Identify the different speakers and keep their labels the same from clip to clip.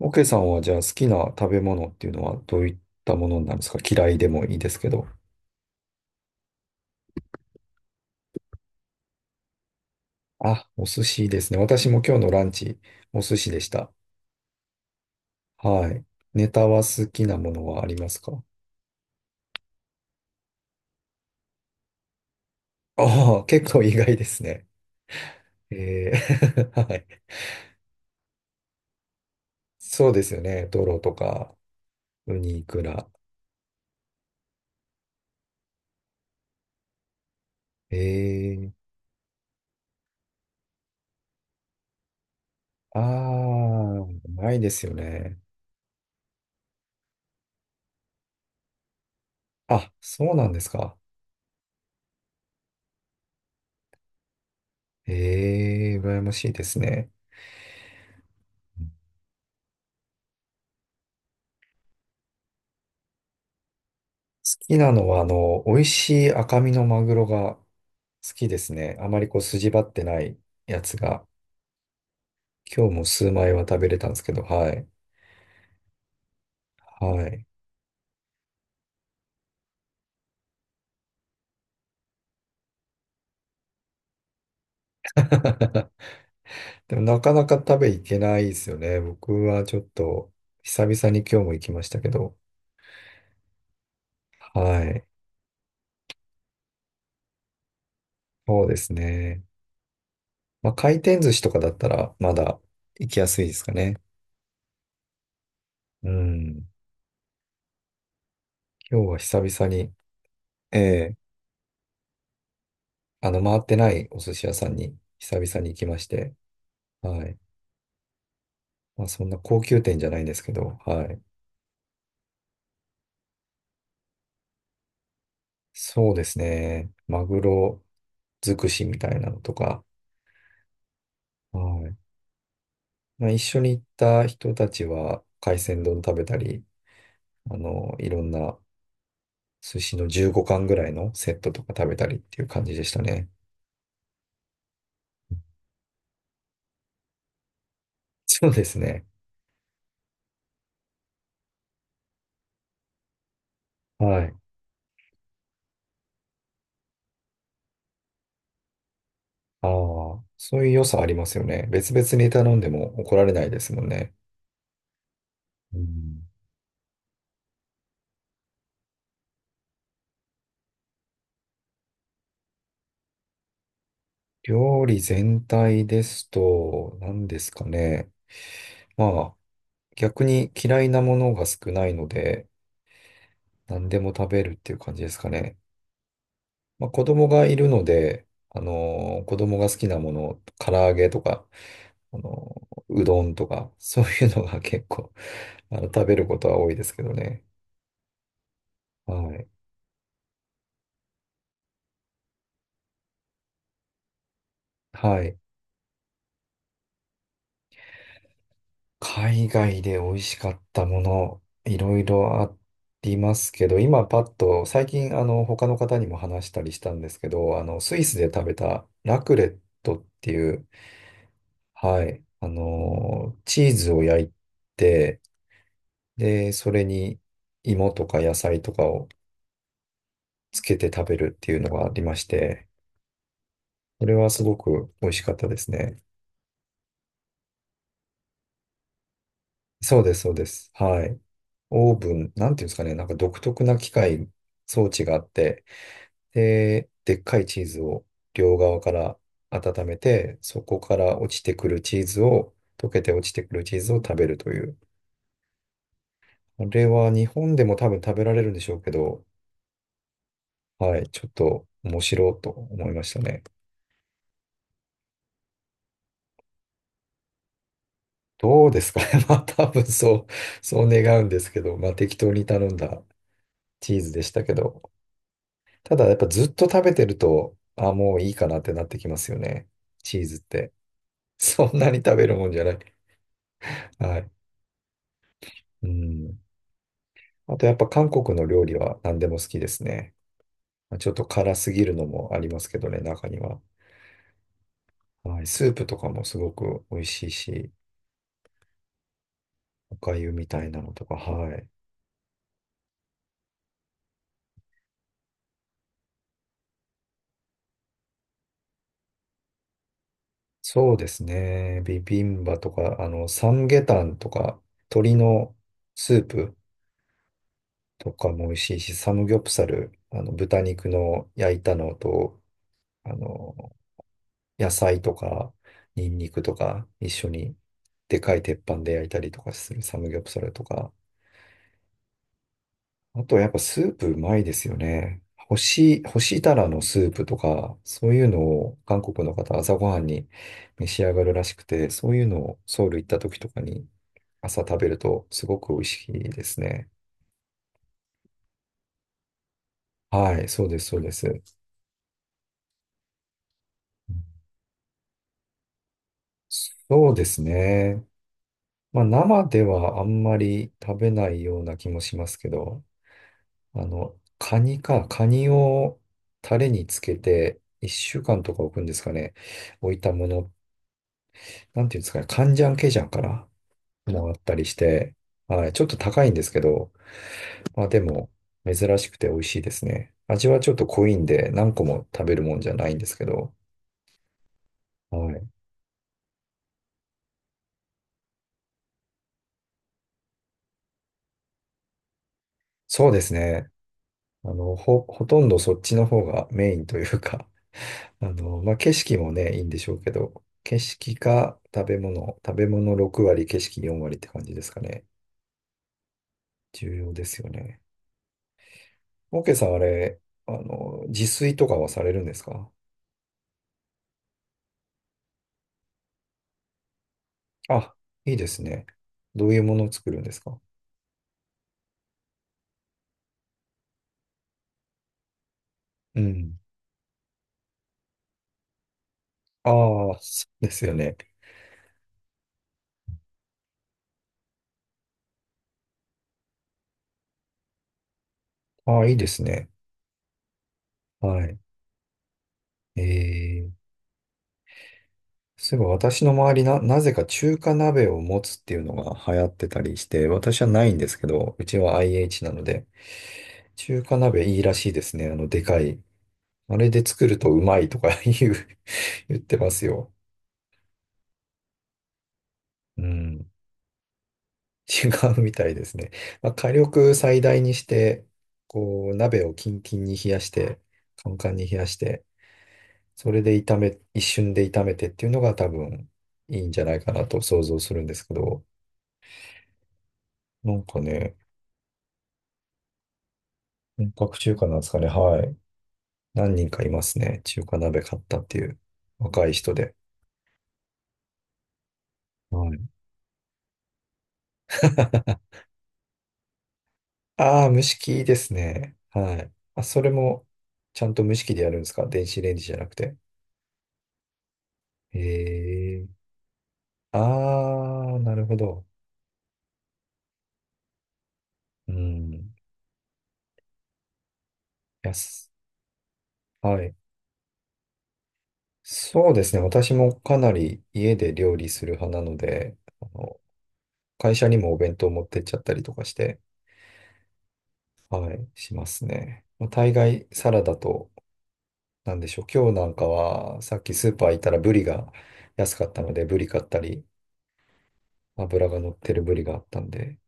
Speaker 1: オケさんはじゃあ好きな食べ物っていうのはどういったものなんですか？嫌いでもいいですけど。あ、お寿司ですね。私も今日のランチ、お寿司でした。はい。ネタは好きなものはありますか？ああ、結構意外ですね。はい。そうですよね。トロとか、ウニ、イクラ。えー、ああ、うまいですよね。あ、そうなんですか。ええー、羨ましいですね。きなのは、美味しい赤身のマグロが好きですね。あまりこう筋張ってないやつが、今日も数枚は食べれたんですけど、はい。はい。でもなかなか食べ行けないですよね。僕はちょっと久々に今日も行きましたけど、はい。そうですね。まあ、回転寿司とかだったらまだ行きやすいですかね。うん。今日は久々に、ええあの、回ってないお寿司屋さんに久々に行きまして、はい。まあ、そんな高級店じゃないんですけど、はい。そうですね。マグロ尽くしみたいなのとか、はい。まあ、一緒に行った人たちは海鮮丼食べたり、あの、いろんな寿司の15貫ぐらいのセットとか食べたりっていう感じでしたね。そうですね。はい。ああ、そういう良さありますよね。別々に頼んでも怒られないですもんね。うん、料理全体ですと、何ですかね。まあ逆に嫌いなものが少ないので、何でも食べるっていう感じですかね。まあ、子供がいるので、子供が好きなもの、唐揚げとか、うどんとか、そういうのが結構、あの、食べることは多いですけどね。はい。はい。海外で美味しかったもの、いろいろありますけど、今パッと、最近、あの、他の方にも話したりしたんですけど、あの、スイスで食べたラクレットっていう、はい。あのー、チーズを焼いて、で、それに芋とか野菜とかをつけて食べるっていうのがありまして、それはすごく美味しかったですね。そうです、そうです。はい。オーブン、なんていうんですかね、なんか独特な機械、装置があって、で、でっかいチーズを両側から温めて、そこから落ちてくるチーズを、溶けて落ちてくるチーズを食べるという。あれは日本でも多分食べられるんでしょうけど、はい、ちょっと面白いと思いましたね。どうですかね。まあ多分そう願うんですけど、まあ適当に頼んだチーズでしたけど、ただやっぱずっと食べてると、あ、もういいかなってなってきますよね。チーズって。そんなに食べるもんじゃない。はい。うん。あとやっぱ韓国の料理は何でも好きですね。まあちょっと辛すぎるのもありますけどね、中には。はい。スープとかもすごく美味しいし、お粥みたいなのとか、はい。そうですね。ビビンバとか、あの、サムゲタンとか、鶏のスープとかも美味しいし、サムギョプサル、あの、豚肉の焼いたのと、あの、野菜とか、ニンニクとか、一緒に、でかい鉄板で焼いたりとかするサムギョプサルとか、あとやっぱスープうまいですよね。干したらのスープとか、そういうのを韓国の方朝ごはんに召し上がるらしくて、そういうのをソウル行った時とかに朝食べるとすごく美味しいですね。はい、そうです、そうです。そうですね。まあ生ではあんまり食べないような気もしますけど、あの、カニをタレにつけて1週間とか置くんですかね。置いたものなんていうんですかね、カンジャンケジャンからもらったりして、はい、ちょっと高いんですけど、まあでも、珍しくて美味しいですね。味はちょっと濃いんで、何個も食べるもんじゃないんですけど、はい。そうですね。あの、ほとんどそっちの方がメインというか、あの、まあ景色もね、いいんでしょうけど、景色か食べ物、食べ物6割、景色4割って感じですかね。重要ですよね。オーケーさん、あれ、あの、自炊とかはされるんですか？あ、いいですね。どういうものを作るんですか？うん。ああ、そうですよね。ああ、いいですね。はい。えー、そういえば私の周りな、なぜか中華鍋を持つっていうのが流行ってたりして、私はないんですけど、うちは IH なので、中華鍋いいらしいですね。あの、でかい。あれで作るとうまいとか 言ってますよ。うん。違うみたいですね。まあ、火力最大にして、こう、鍋をキンキンに冷やして、カンカンに冷やして、それで一瞬で炒めてっていうのが多分いいんじゃないかなと想像するんですけど、なんかね、本格中華なんですかね。はい。何人かいますね。中華鍋買ったっていう若い人で。はい。ああ、蒸し器ですね。はい。あ、それもちゃんと蒸し器でやるんですか？電子レンジじゃなくて。へえ。ああ、なるほど。うん。いやすはい。そうですね。私もかなり家で料理する派なので、あの、会社にもお弁当持ってっちゃったりとかして、はい、しますね。まあ大概サラダと、なんでしょう。今日なんかは、さっきスーパー行ったらブリが安かったので、ブリ買ったり、油が乗ってるブリがあったんで、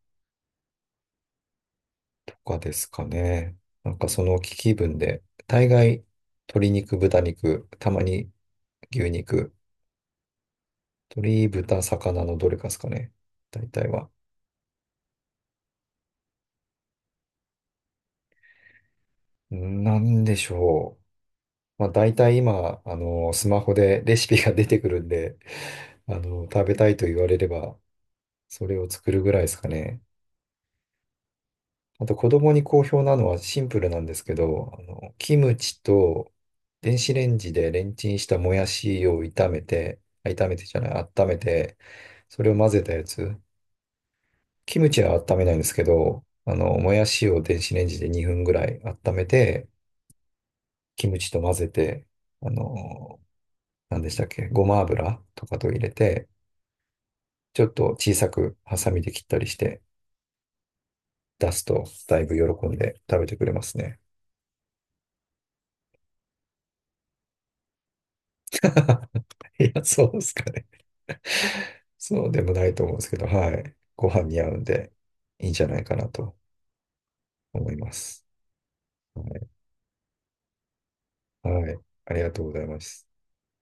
Speaker 1: とかですかね。なんかその気分で、大概鶏肉、豚肉、たまに牛肉、鳥、豚、魚のどれかですかね。大体は。なんでしょう。まあ、大体今、あの、スマホでレシピが出てくるんで、あの、食べたいと言われれば、それを作るぐらいですかね。あと、子供に好評なのはシンプルなんですけど、あの、キムチと電子レンジでレンチンしたもやしを炒めて、あ炒めてじゃない、温めて、それを混ぜたやつ。キムチは温めないんですけど、あの、もやしを電子レンジで2分ぐらい温めて、キムチと混ぜて、あの、何でしたっけ、ごま油とかと入れて、ちょっと小さくハサミで切ったりして出すと、だいぶ喜んで食べてくれますね。いや、そうですかね。そうでもないと思うんですけど、はい。ご飯に合うんで、いいんじゃないかなと思います。はい。はい、ありがとうございます。